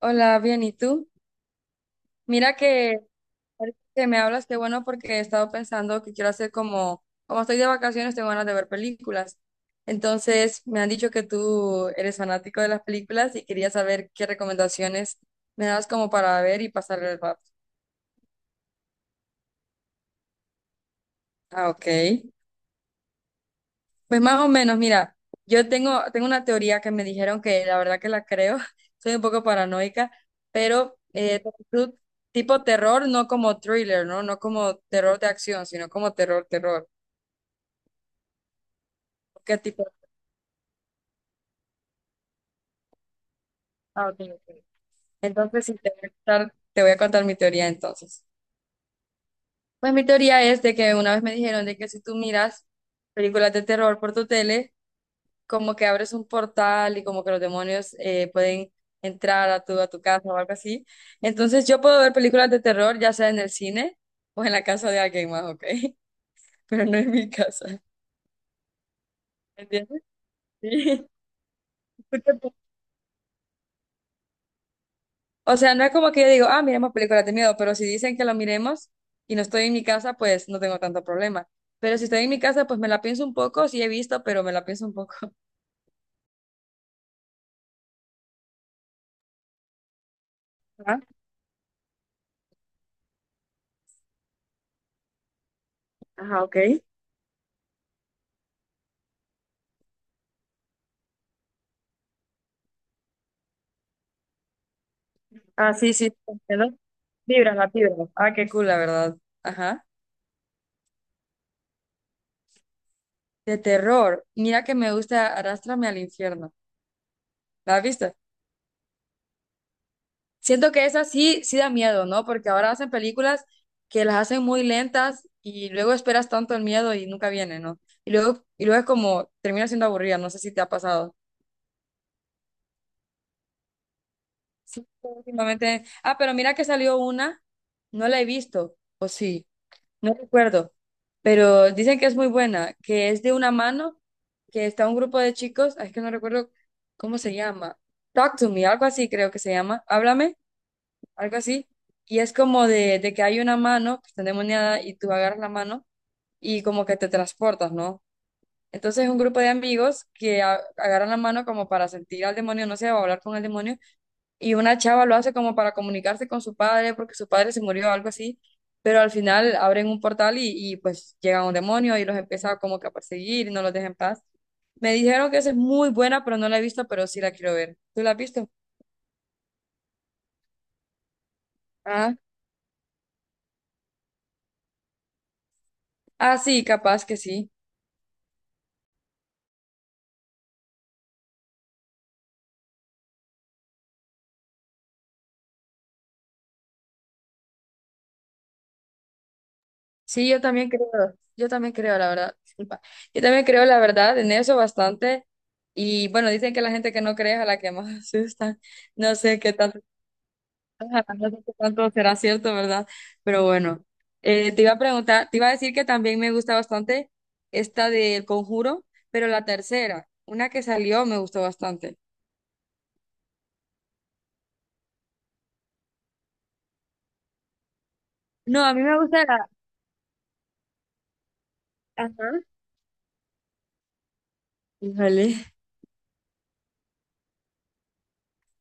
Hola, bien, ¿y tú? Mira que ahorita que me hablas, qué bueno porque he estado pensando que quiero hacer como, como estoy de vacaciones, tengo ganas de ver películas. Entonces, me han dicho que tú eres fanático de las películas y quería saber qué recomendaciones me das como para ver y pasar el rato. Ah, ok. Pues más o menos, mira, yo tengo una teoría que me dijeron que la verdad que la creo, soy un poco paranoica, pero tú- tipo terror, no como thriller, ¿no? No como terror de acción, sino como terror, terror. ¿Qué tipo? Ah, ok, ok. Entonces, si te voy a contar, te voy a contar mi teoría entonces. Pues mi teoría es de que una vez me dijeron de que si tú miras películas de terror por tu tele, como que abres un portal y como que los demonios pueden entrar a tu casa o algo así. Entonces yo puedo ver películas de terror, ya sea en el cine o en la casa de alguien más, ¿ok? Pero no en mi casa. ¿Entiendes? Sí. O sea, no es como que yo digo, ah, miremos películas de miedo, pero si dicen que lo miremos y no estoy en mi casa, pues no tengo tanto problema. Pero si estoy en mi casa, pues me la pienso un poco, sí he visto, pero me la pienso un poco. Ajá, ajá, ok. Ah, sí, sí, entiendo. Vibras, la vibras. Ah, qué cool, la verdad. Ajá. De terror. Mira que me gusta Arrástrame al infierno. ¿La has visto? Siento que esa sí, sí da miedo, ¿no? Porque ahora hacen películas que las hacen muy lentas y luego esperas tanto el miedo y nunca viene, ¿no? Y luego es como, termina siendo aburrida, no sé si te ha pasado. Sí, últimamente. Ah, pero mira que salió una, no la he visto, o sí. No recuerdo, pero dicen que es muy buena, que es de una mano, que está un grupo de chicos, ay, es que no recuerdo cómo se llama. Talk to me, algo así creo que se llama. Háblame, algo así. Y es como de que hay una mano que está endemoniada y tú agarras la mano y como que te transportas, ¿no? Entonces es un grupo de amigos que agarran la mano como para sentir al demonio, no sé, o hablar con el demonio y una chava lo hace como para comunicarse con su padre porque su padre se murió o algo así, pero al final abren un portal y pues llega un demonio y los empieza como que a perseguir y no los deja en paz. Me dijeron que esa es muy buena, pero no la he visto, pero sí la quiero ver. ¿Tú la has visto? Ah, ah, sí, capaz que sí. Sí, yo también creo, la verdad, disculpa. Yo también creo, la verdad, en eso bastante. Y bueno, dicen que la gente que no cree es a la que más asustan. No sé qué tal. Ajá, no sé qué tanto será cierto, ¿verdad? Pero bueno, te iba a preguntar, te iba a decir que también me gusta bastante esta del Conjuro, pero la tercera, una que salió, me gustó bastante. No, a mí me gusta la... Ajá. Híjole.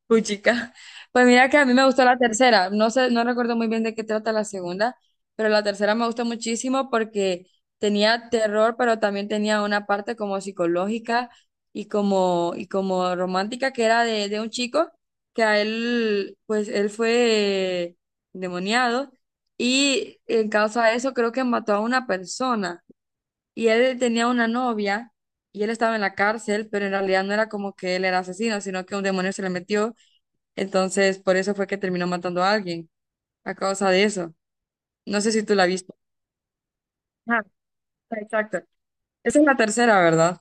Puchica. Pues mira que a mí me gustó la tercera. No sé, no recuerdo muy bien de qué trata la segunda, pero la tercera me gustó muchísimo porque tenía terror, pero también tenía una parte como psicológica y como romántica que era de un chico que a él, pues él fue demoniado y en causa de eso creo que mató a una persona y él tenía una novia y él estaba en la cárcel, pero en realidad no era como que él era asesino, sino que un demonio se le metió entonces, por eso fue que terminó matando a alguien, a causa de eso. No sé si tú la viste. Ah, exacto. Esa es la tercera, ¿verdad?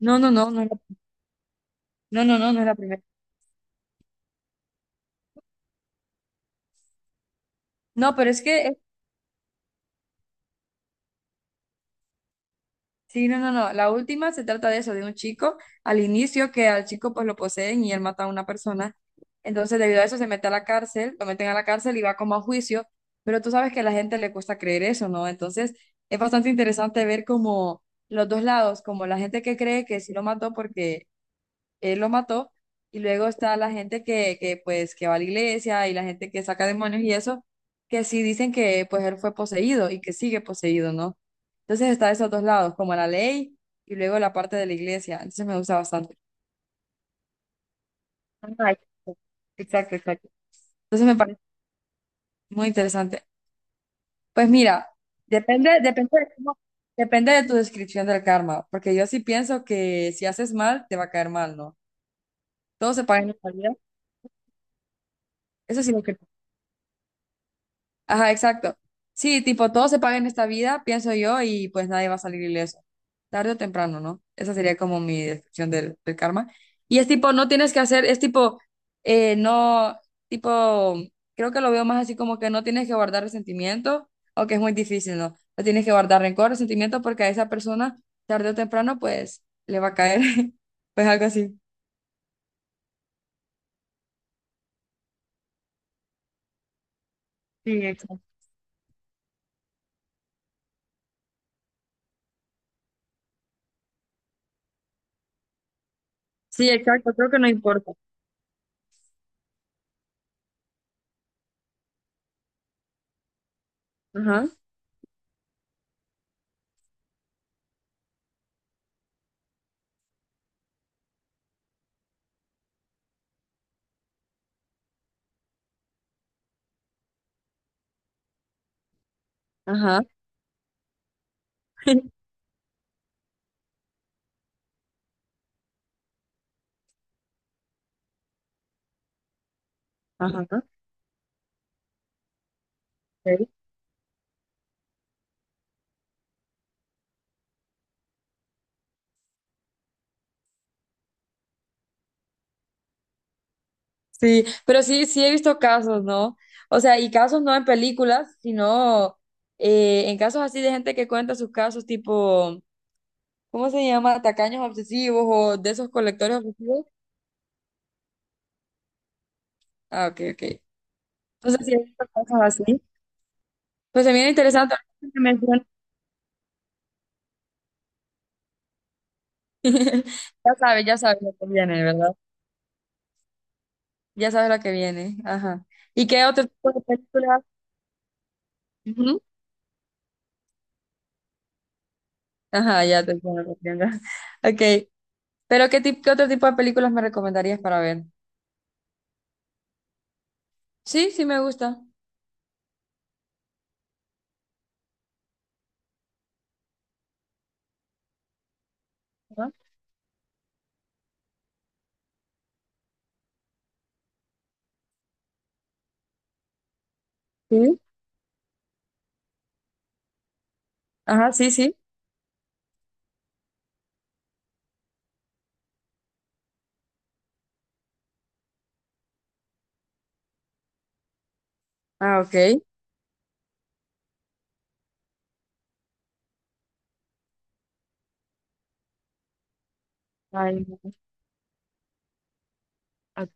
No, no, no, no, es la- no, no, no, no es la primera. No, pero es que, sí, no, no, no. La última se trata de eso, de un chico al inicio que al chico pues lo poseen y él mata a una persona. Entonces, debido a eso se mete a la cárcel, lo meten a la cárcel y va como a juicio, pero tú sabes que a la gente le cuesta creer eso, ¿no? Entonces, es bastante interesante ver como los dos lados, como la gente que cree que sí lo mató porque él lo mató. Y luego está la gente pues, que va a la iglesia y la gente que saca demonios y eso, que sí dicen que, pues, él fue poseído y que sigue poseído, ¿no? Entonces está esos dos lados, como la ley y luego la parte de la iglesia. Entonces me gusta bastante. Ah, exacto, exacto. Exacto. Entonces me parece muy interesante. Pues mira, depende, depende de cómo- depende de tu descripción del karma, porque yo sí pienso que si haces mal, te va a caer mal, ¿no? Todo se paga en esta vida. Eso sí lo que ajá, exacto. Sí, tipo, todo se paga en esta vida, pienso yo, y pues nadie va a salir ileso. Tarde o temprano, ¿no? Esa sería como mi descripción del karma. Y es tipo, no tienes que hacer, es tipo, no, tipo, creo que lo veo más así como que no tienes que guardar resentimiento, o que es muy difícil, ¿no? No tienes que guardar rencor, resentimiento, porque a esa persona, tarde o temprano, pues le va a caer, pues algo así. Sí, exacto. Sí, exacto, creo que no importa. Ajá, ajá, ajá. Ok. Sí, pero sí, sí he visto casos, ¿no? O sea, y casos no en películas, sino en casos así de gente que cuenta sus casos tipo, ¿cómo se llama? Tacaños obsesivos o de esos colectores obsesivos. Ah, ok, ok. Entonces sí he visto casos así. Pues se viene interesante. Ya sabes lo que viene, ¿verdad? Ya sabes lo que viene. Ajá. ¿Y qué otro tipo de películas? Ujú. Ajá, ya te entiendo. Te entiendo. Ok. ¿Pero qué, qué otro tipo de películas me recomendarías para ver? Sí, sí me gusta. Ajá, sí, ajá, sí, sí. Ah, ok. Ay, no. Ah,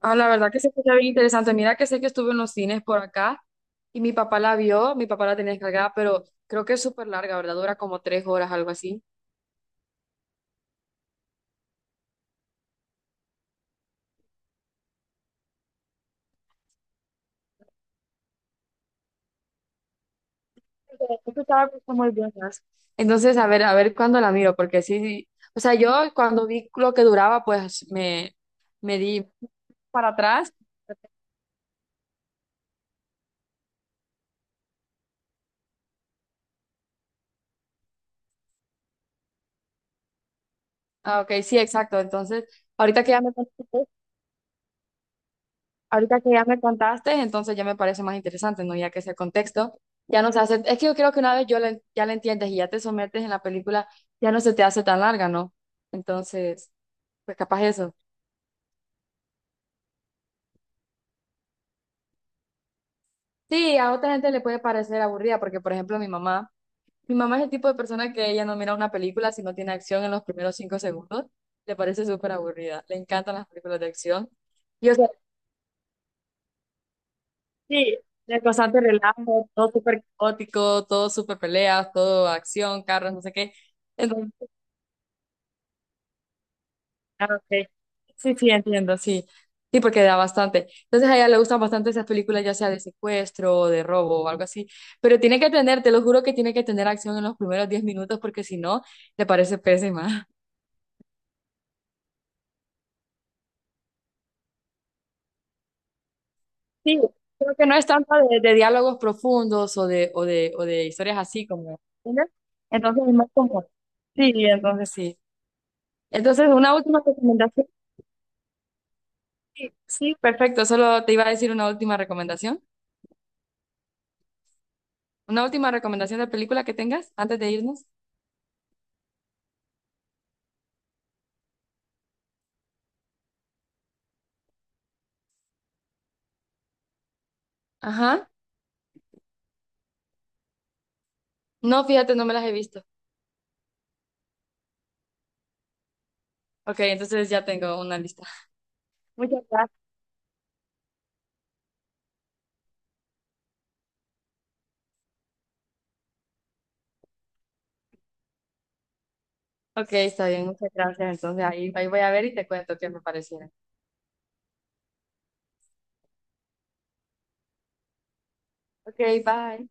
ah, la verdad que se escucha bien interesante. Mira que sé que estuve en los cines por acá y mi papá la vio, mi papá la tenía descargada, pero creo que es súper larga, ¿verdad? Dura como 3 horas, algo así. Yo estaba puesto muy bien, ¿sabes? Entonces, a ver cuándo la miro, porque sí, sí. O sea, yo cuando vi lo que duraba, me di para atrás. Ah, ok, sí, exacto. Entonces, ahorita que ya me... Ahorita que ya me contaste, entonces ya me parece más interesante, ¿no? Ya que ese contexto ya no se hace, es que yo creo que una vez ya la entiendes y ya te sometes en la película, ya no se te hace tan larga, ¿no? Entonces, pues capaz eso. Sí, a otra gente le puede parecer aburrida, porque por ejemplo mi mamá es el tipo de persona que ella no mira una película si no tiene acción en los primeros 5 segundos, le parece súper aburrida, le encantan las películas de acción. Sí, de constante relajo, todo súper caótico, todo súper peleas, todo acción, carros, no sé qué. Entonces, ah, ok. Sí, sí, entiendo, sí. Sí, porque da bastante. Entonces a ella le gustan bastante esas películas, ya sea de secuestro o de robo o algo así. Pero tiene que tener, te lo juro que tiene que tener acción en los primeros 10 minutos porque si no, le parece pésima. Sí, creo que no es tanto de diálogos profundos o de, o de, o de historias así como, ¿entiendes? Entonces es más como... sí. Entonces, una última recomendación. Sí, sí, perfecto. Solo te iba a decir una última recomendación. Una última recomendación de película que tengas antes de irnos. Ajá. No, fíjate, no me las he visto. Ok, entonces ya tengo una lista. Muchas gracias. Ok, está bien, muchas gracias. Entonces ahí, ahí voy a ver y te cuento qué me parecieron. Ok, bye.